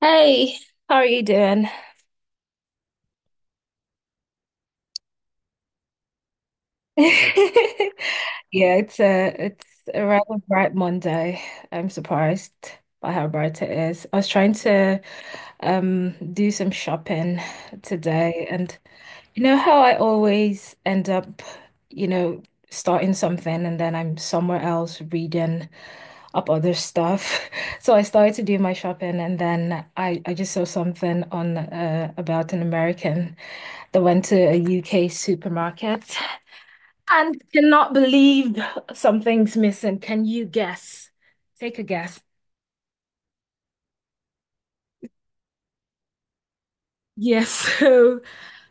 Hey, how are you doing? Yeah, it's a rather bright Monday. I'm surprised by how bright it is. I was trying to do some shopping today and you know how I always end up, you know, starting something and then I'm somewhere else reading up other stuff. So I started to do my shopping and then I just saw something on about an American. I went to a UK supermarket and cannot believe something's missing. Can you guess? Take a guess. Yes, so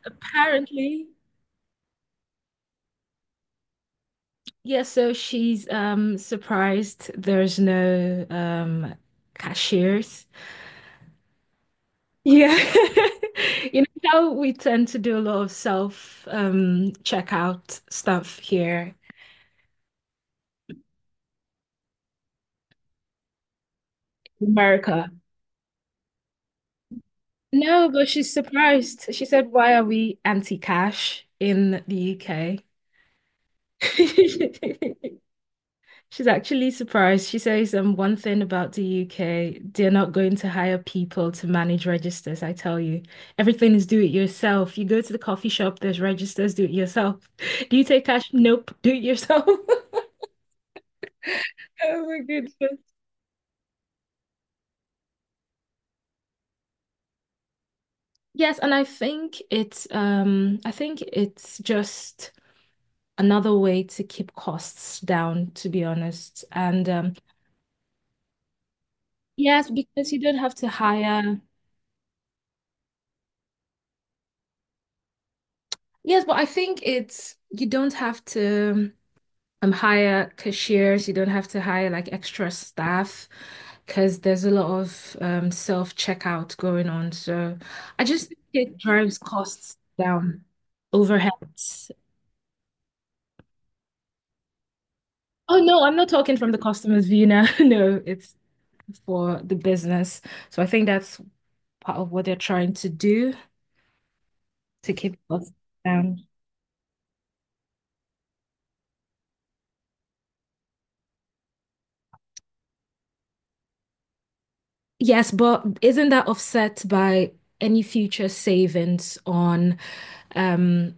apparently, yes, so she's surprised there's no cashiers. Yeah. You know how we tend to do a lot of self checkout stuff here in America. No, but she's surprised. She said, "Why are we anti-cash in the UK?" She's actually surprised. She says, one thing about the UK, they're not going to hire people to manage registers, I tell you. Everything is do it yourself. You go to the coffee shop, there's registers, do it yourself. Do you take cash? Nope, do it yourself. Oh my goodness. Yes, and I think it's just another way to keep costs down, to be honest. And yes, because you don't have to hire. Yes, but I think it's you don't have to hire cashiers, you don't have to hire like extra staff because there's a lot of self-checkout going on. So I just think it drives costs down, overheads. Oh no, I'm not talking from the customer's view now. No, it's for the business. So I think that's part of what they're trying to do, to keep costs down. Yes, but isn't that offset by any future savings on um,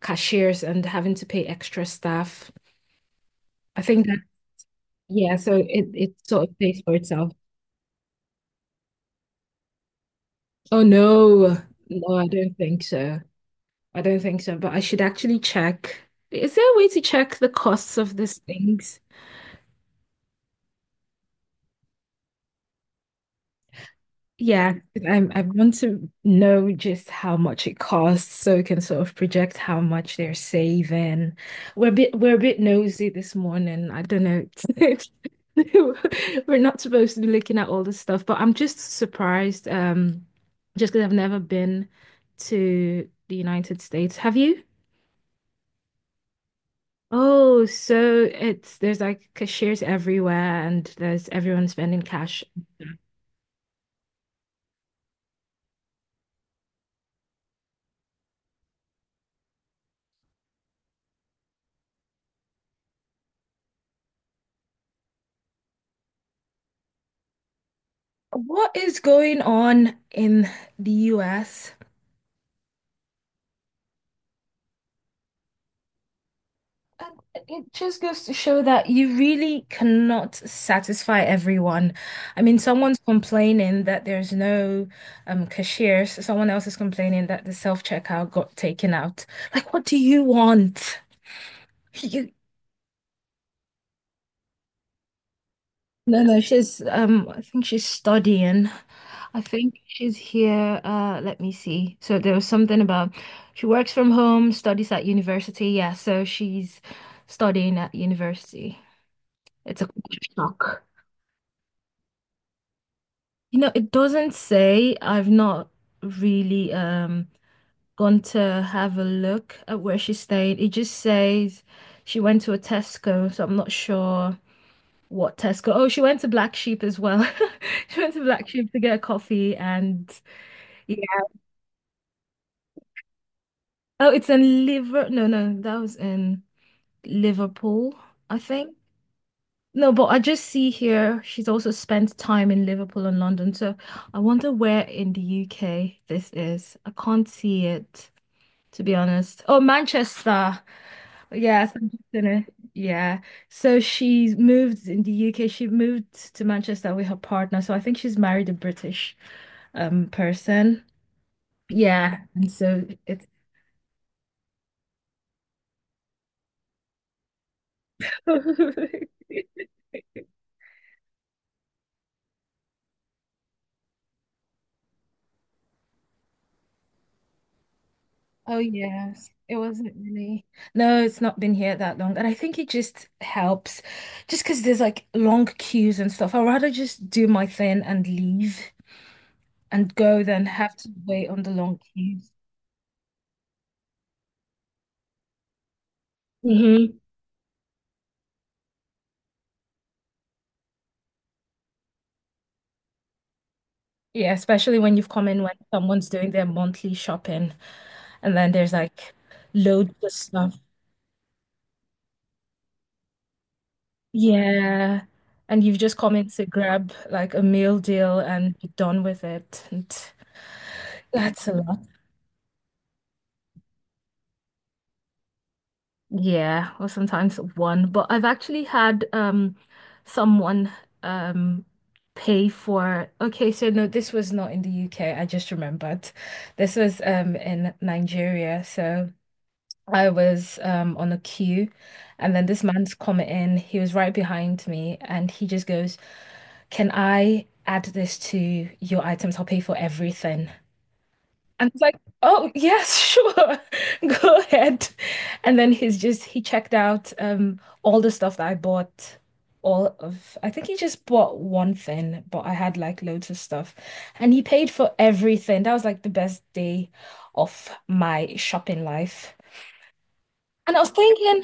cashiers and having to pay extra staff? I think that, yeah, so it sort of pays for itself. Oh, no. No, I don't think so. I don't think so, but I should actually check. Is there a way to check the costs of these things? Yeah, 'cause I want to know just how much it costs so we can sort of project how much they're saving. We're a bit nosy this morning. I don't know. We're not supposed to be looking at all this stuff, but I'm just surprised, just because I've never been to the United States. Have you? Oh, so it's there's like cashiers everywhere and there's everyone spending cash. What is going on in the US? Uh, It just goes to show that you really cannot satisfy everyone. I mean, someone's complaining that there's no cashiers. Someone else is complaining that the self-checkout got taken out. Like, what do you want? You no, no, she's I think she's studying. I think she's here. Let me see. So there was something about she works from home, studies at university. Yeah, so she's studying at university. It's a culture shock. You know, it doesn't say. I've not really gone to have a look at where she stayed. It just says she went to a Tesco, so I'm not sure what Tesco. Oh, she went to Black Sheep as well. She went to Black Sheep to get a coffee and. Oh, it's in Liver. No, no, that was in Liverpool, I think. No, but I just see here she's also spent time in Liverpool and London. So I wonder where in the UK this is. I can't see it, to be honest. Oh, Manchester. Yes, I'm just gonna, yeah. So she's moved in the UK. She moved to Manchester with her partner. So I think she's married a British person. Yeah. And so it's. Oh yes, it wasn't really. No, it's not been here that long, and I think it just helps, just because there's like long queues and stuff. I'd rather just do my thing and leave and go than have to wait on the long queues. Hmm. Yeah, especially when you've come in when someone's doing their monthly shopping, and then there's like loads of stuff. Yeah, and you've just come in to grab like a meal deal and be done with it, and that's a lot. Yeah, or sometimes one. But I've actually had someone um pay for okay, so no, this was not in the UK. I just remembered. This was in Nigeria. So I was on a queue and then this man's coming in. He was right behind me and he just goes, "Can I add this to your items? I'll pay for everything." And I was like, oh, yes, sure. Go ahead. And then he's just, he checked out all the stuff that I bought. All of, I think he just bought one thing, but I had like loads of stuff. And he paid for everything. That was like the best day of my shopping life. And I was thinking,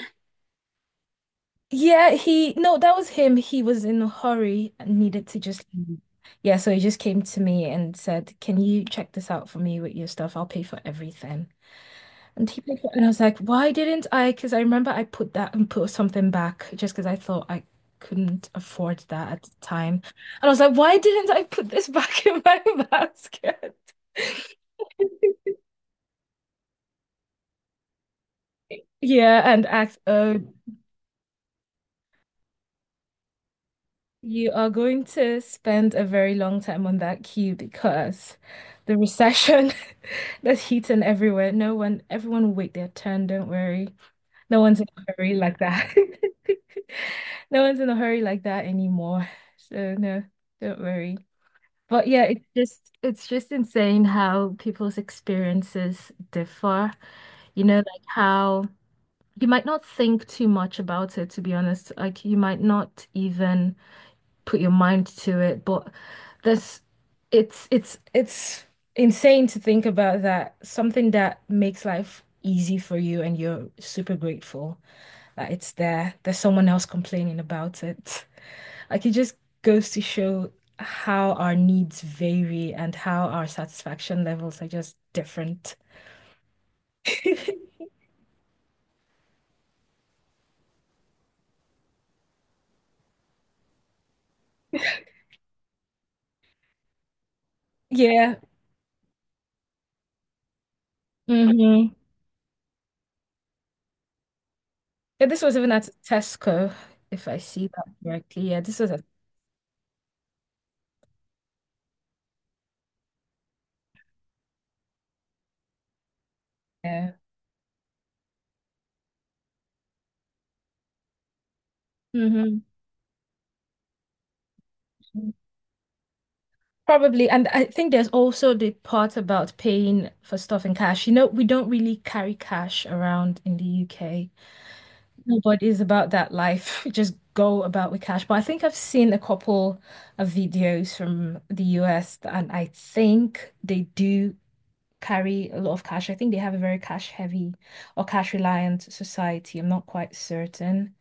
yeah, he, no, that was him. He was in a hurry and needed to just leave. Yeah, so he just came to me and said, can you check this out for me with your stuff? I'll pay for everything. And he picked it, and I was like, why didn't I? Because I remember I put that and put something back just because I thought I couldn't afford that at the time. And I was like, why didn't I put this back in my basket? Yeah, and act, oh, you are going to spend a very long time on that queue because the recession that's heating everywhere. No one, everyone will wait their turn, don't worry. No one's in a hurry like that. No one's in a hurry like that anymore. So no, don't worry. But yeah, it's just insane how people's experiences differ. You know, like how you might not think too much about it, to be honest. Like you might not even put your mind to it, but this it's insane to think about that. Something that makes life easy for you and you're super grateful. That it's there. There's someone else complaining about it. Like it just goes to show how our needs vary and how our satisfaction levels are just different. Yeah. Mm-hmm. Yeah, this was even at Tesco, if I see that correctly. Yeah, this was at yeah. Hmm. Probably. And I think there's also the part about paying for stuff in cash. You know, we don't really carry cash around in the UK. Nobody's about that life. Just go about with cash. But I think I've seen a couple of videos from the US, and I think they do carry a lot of cash. I think they have a very cash heavy or cash reliant society. I'm not quite certain.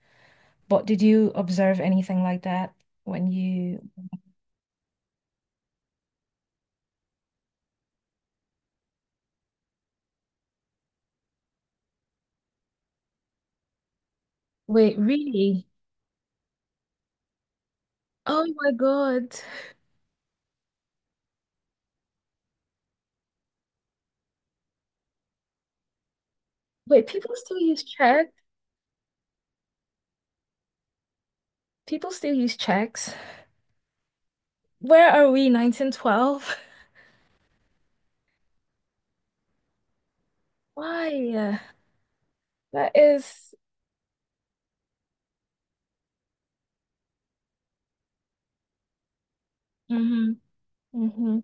But did you observe anything like that when you... Wait, really? Oh my God. Wait, people still use check? People still use checks? Where are we, 1912? Why? That is- Mhm. Hmm.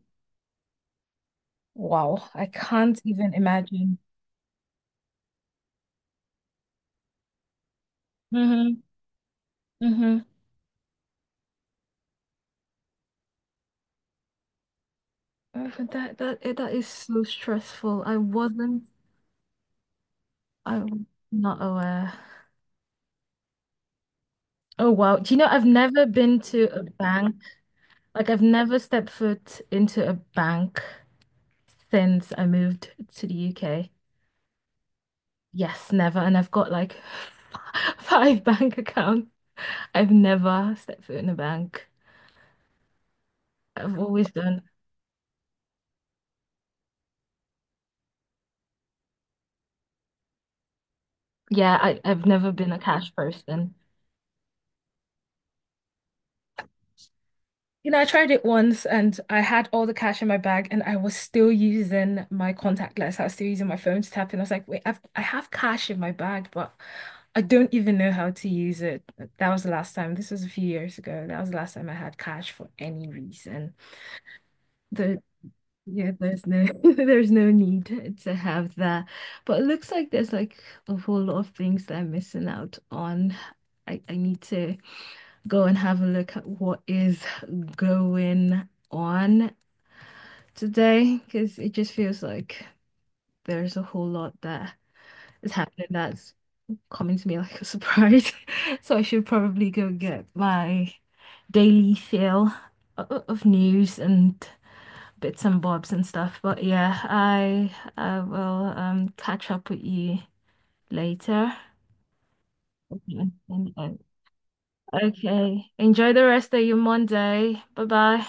Wow, I can't even imagine. Hmm. Hmm. But that that eh, that is so stressful. I wasn't I'm not aware. Oh wow. Do you know I've never been to a bank. Like I've never stepped foot into a bank since I moved to the UK. Yes, never. And I've got like five bank accounts. I've never stepped foot in a bank. I've always done. Yeah, I've never been a cash person. You know, I tried it once and I had all the cash in my bag and I was still using my contactless. I was still using my phone to tap in. I was like, wait, I have cash in my bag, but I don't even know how to use it. That was the last time. This was a few years ago. That was the last time I had cash for any reason. The yeah, there's no there's no need to have that. But it looks like there's like a whole lot of things that I'm missing out on. I need to go and have a look at what is going on today because it just feels like there's a whole lot that is happening that's coming to me like a surprise. So I should probably go get my daily fill o- of news and bits and bobs and stuff. But yeah, I will catch up with you later. Okay. Okay. Enjoy the rest of your Monday. Bye bye.